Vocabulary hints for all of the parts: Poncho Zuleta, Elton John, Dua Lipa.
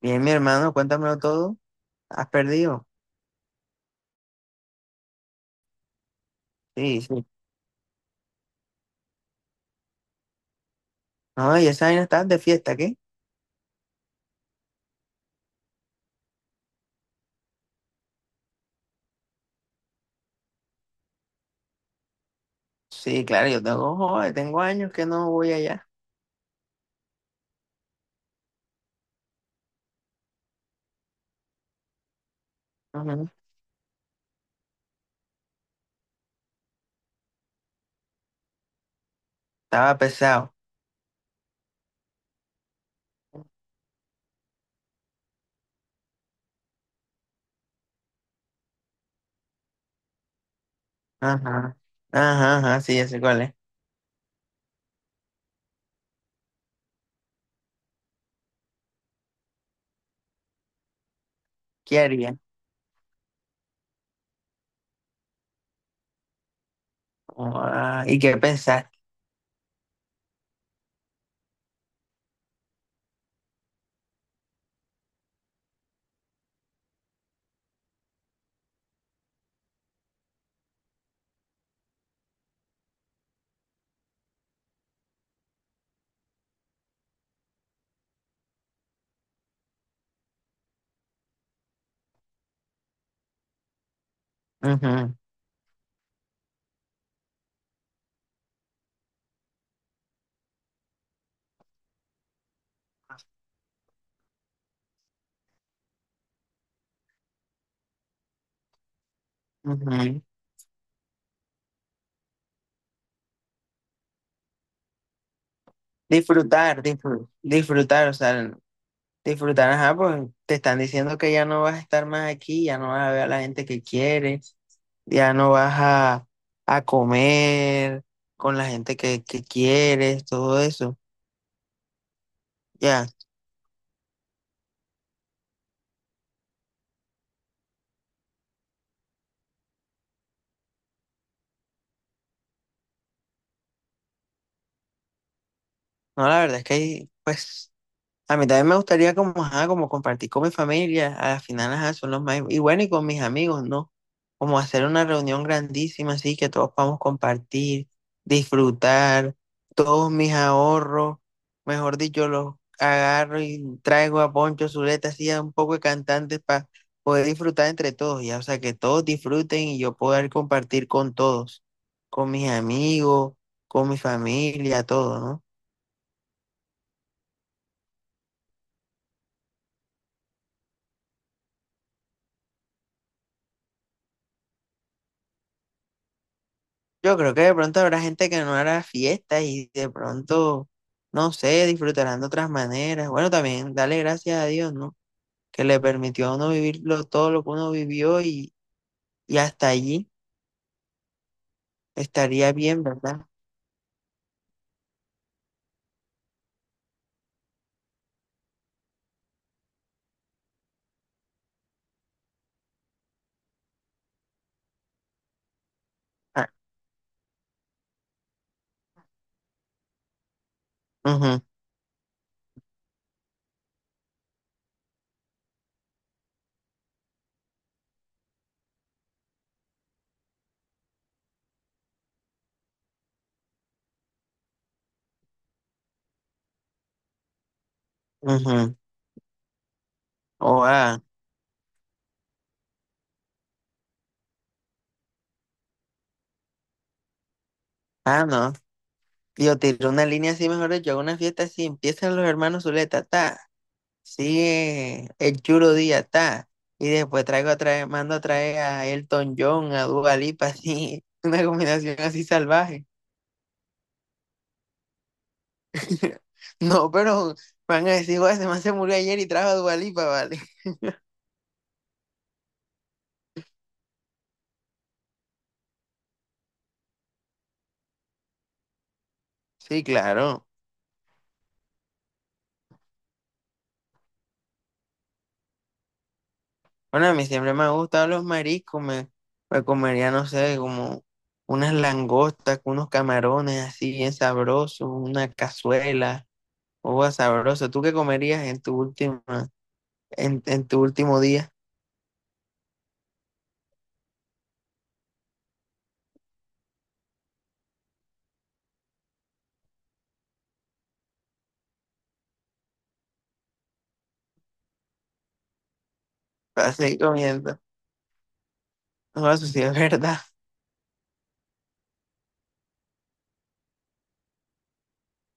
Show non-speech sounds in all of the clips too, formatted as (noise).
Bien, mi hermano, cuéntamelo todo. ¿Has perdido? Sí, sí. No, y esa vaina estás de fiesta, ¿qué? Sí, claro, yo tengo, joder, tengo años que no voy allá. Ujú. Estaba pesado. Ajá. Ajá, ajá, sí, ya sé cuál es. ¿Qué haría? Ah, ¿y qué pensaste? Ujú, ujú. Disfrutar, disfrutar, disfrutar, o sea, disfrutar, ajá, pues te están diciendo que ya no vas a estar más aquí, ya no vas a ver a la gente que quieres. Ya no vas a comer con la gente que quieres, todo eso. Ya, no, la verdad es que, ahí pues, a mí también me gustaría como, ajá, como compartir con mi familia, a las final, ajá, son los más, y bueno, y con mis amigos, ¿no? Como hacer una reunión grandísima, así que todos podamos compartir, disfrutar, todos mis ahorros, mejor dicho, los agarro y traigo a Poncho Zuleta, así a un poco de cantantes para poder disfrutar entre todos, ya, o sea, que todos disfruten y yo poder compartir con todos, con mis amigos, con mi familia, todo, ¿no? Yo creo que de pronto habrá gente que no hará fiestas y de pronto, no sé, disfrutarán de otras maneras. Bueno, también dale gracias a Dios, ¿no? Que le permitió a uno vivir lo- todo lo que uno vivió y hasta allí estaría bien, ¿verdad? Ah, ujú, ujú. Oh, ah, ah, no. Yo tiré una línea así, mejor dicho, hago una fiesta así, empiezan los hermanos Zuleta, ta. Sí, el chulo día está. Y después traigo a traer, mando a traer a Elton John, a Dua Lipa, (laughs) así, una combinación así salvaje. (laughs) No, pero van a decir, "Joder, ese man se murió ayer y trajo a Dua Lipa", ¿vale? Sí, claro. Bueno, a mí siempre me han gustado los mariscos, me comería, no sé, como unas langostas, con unos camarones así bien sabrosos, una cazuela, uva sabrosa. ¿Tú qué comerías en tu última, en tu último día? Para seguir comiendo. No, eso sí es (laughs) verdad.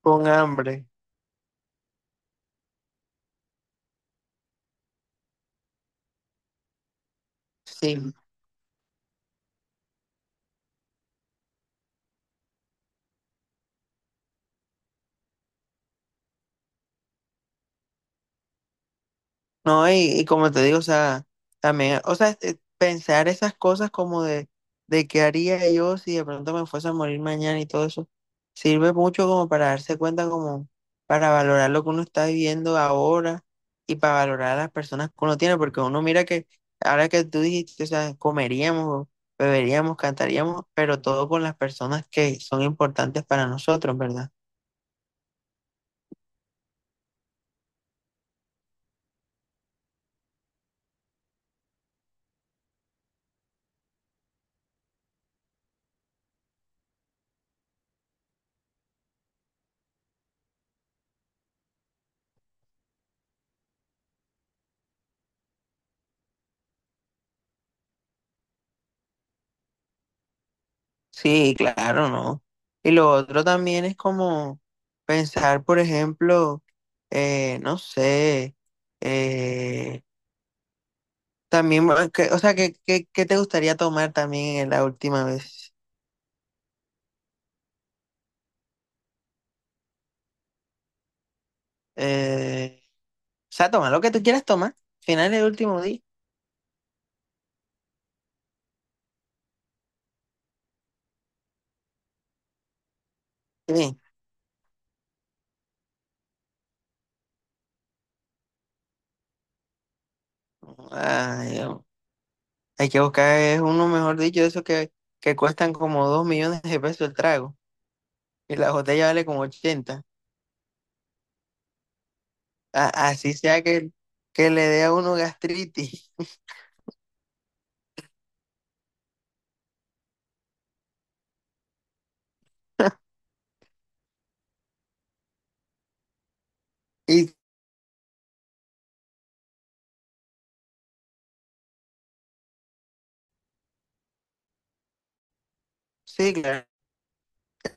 Con hambre. Sí. No, y como te digo, o sea, también, o sea, este, pensar esas cosas como de qué haría yo si de pronto me fuese a morir mañana y todo eso, sirve mucho como para darse cuenta, como para valorar lo que uno está viviendo ahora y para valorar a las personas que uno tiene, porque uno mira que ahora que tú dijiste, o sea, comeríamos, beberíamos, cantaríamos, pero todo con las personas que son importantes para nosotros, ¿verdad? Sí, claro, ¿no? Y lo otro también es como pensar, por ejemplo, no sé, eh, también, bueno, o sea, ¿qué, qué, qué te gustaría tomar también en la última vez? Eh, o sea, toma lo que tú quieras tomar, final del último día. Sí. Ay, Dios. Hay que buscar es uno, mejor dicho, de esos que cuestan como 2 millones de pesos el trago y la botella vale como ochenta. Así sea que, le dé a uno gastritis. (laughs) Y sí, claro,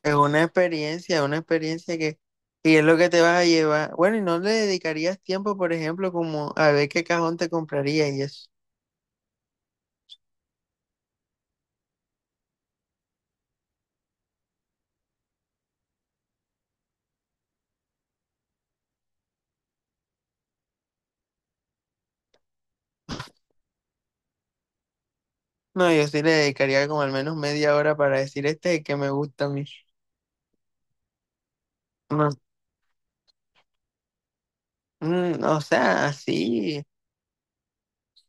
es una experiencia que, y es lo que te vas a llevar. Bueno, y no le dedicarías tiempo, por ejemplo, como a ver qué cajón te compraría y eso. No, yo sí le dedicaría como al menos media hora para decir este es el que me gusta a mí. No, mm, o sea, así,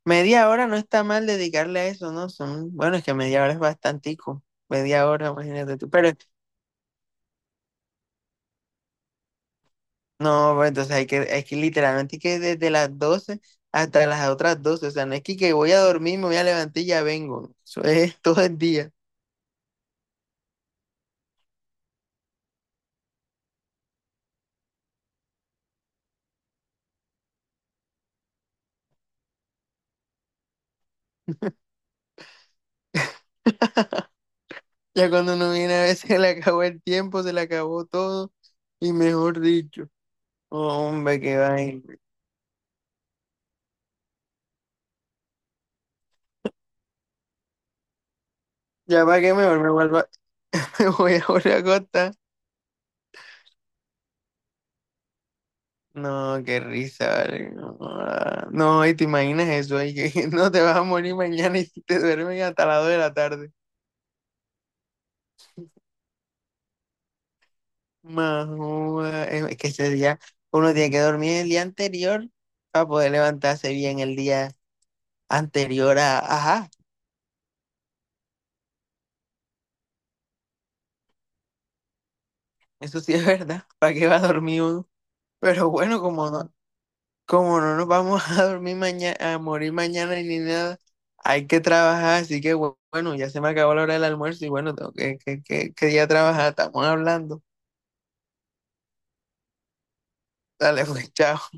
media hora no está mal dedicarle a eso, ¿no? Son, bueno, es que media hora es bastantico, media hora, imagínate tú, pero no, pues, entonces hay que, es que literalmente hay que desde las 12 hasta las otras doce. O sea, no es que voy a dormir, me voy a levantar y ya vengo. Eso es (laughs) todo el día. (laughs) Ya cuando uno viene a veces se le acabó el tiempo, se le acabó todo. Y mejor dicho, hombre, qué vaina. Ya para qué, mejor (laughs) Me voy a volver a acostar. No, qué risa, vale. No, ah, no, y te imaginas eso, ahí que (laughs) no te vas a morir mañana y te duermes hasta las 2 de la tarde. Más, joda, es que ese día uno tiene que dormir el día anterior para poder levantarse bien el día anterior a, ajá, eso sí es verdad. (laughs) ¿Para qué va a dormir uno? Pero bueno, como no nos vamos (laughs) a dormir mañana, a morir mañana ni nada, hay que trabajar, así que bueno, ya se me acabó la hora del almuerzo y bueno, tengo que día trabajar, estamos hablando. Dale, pues, (laughs) chao.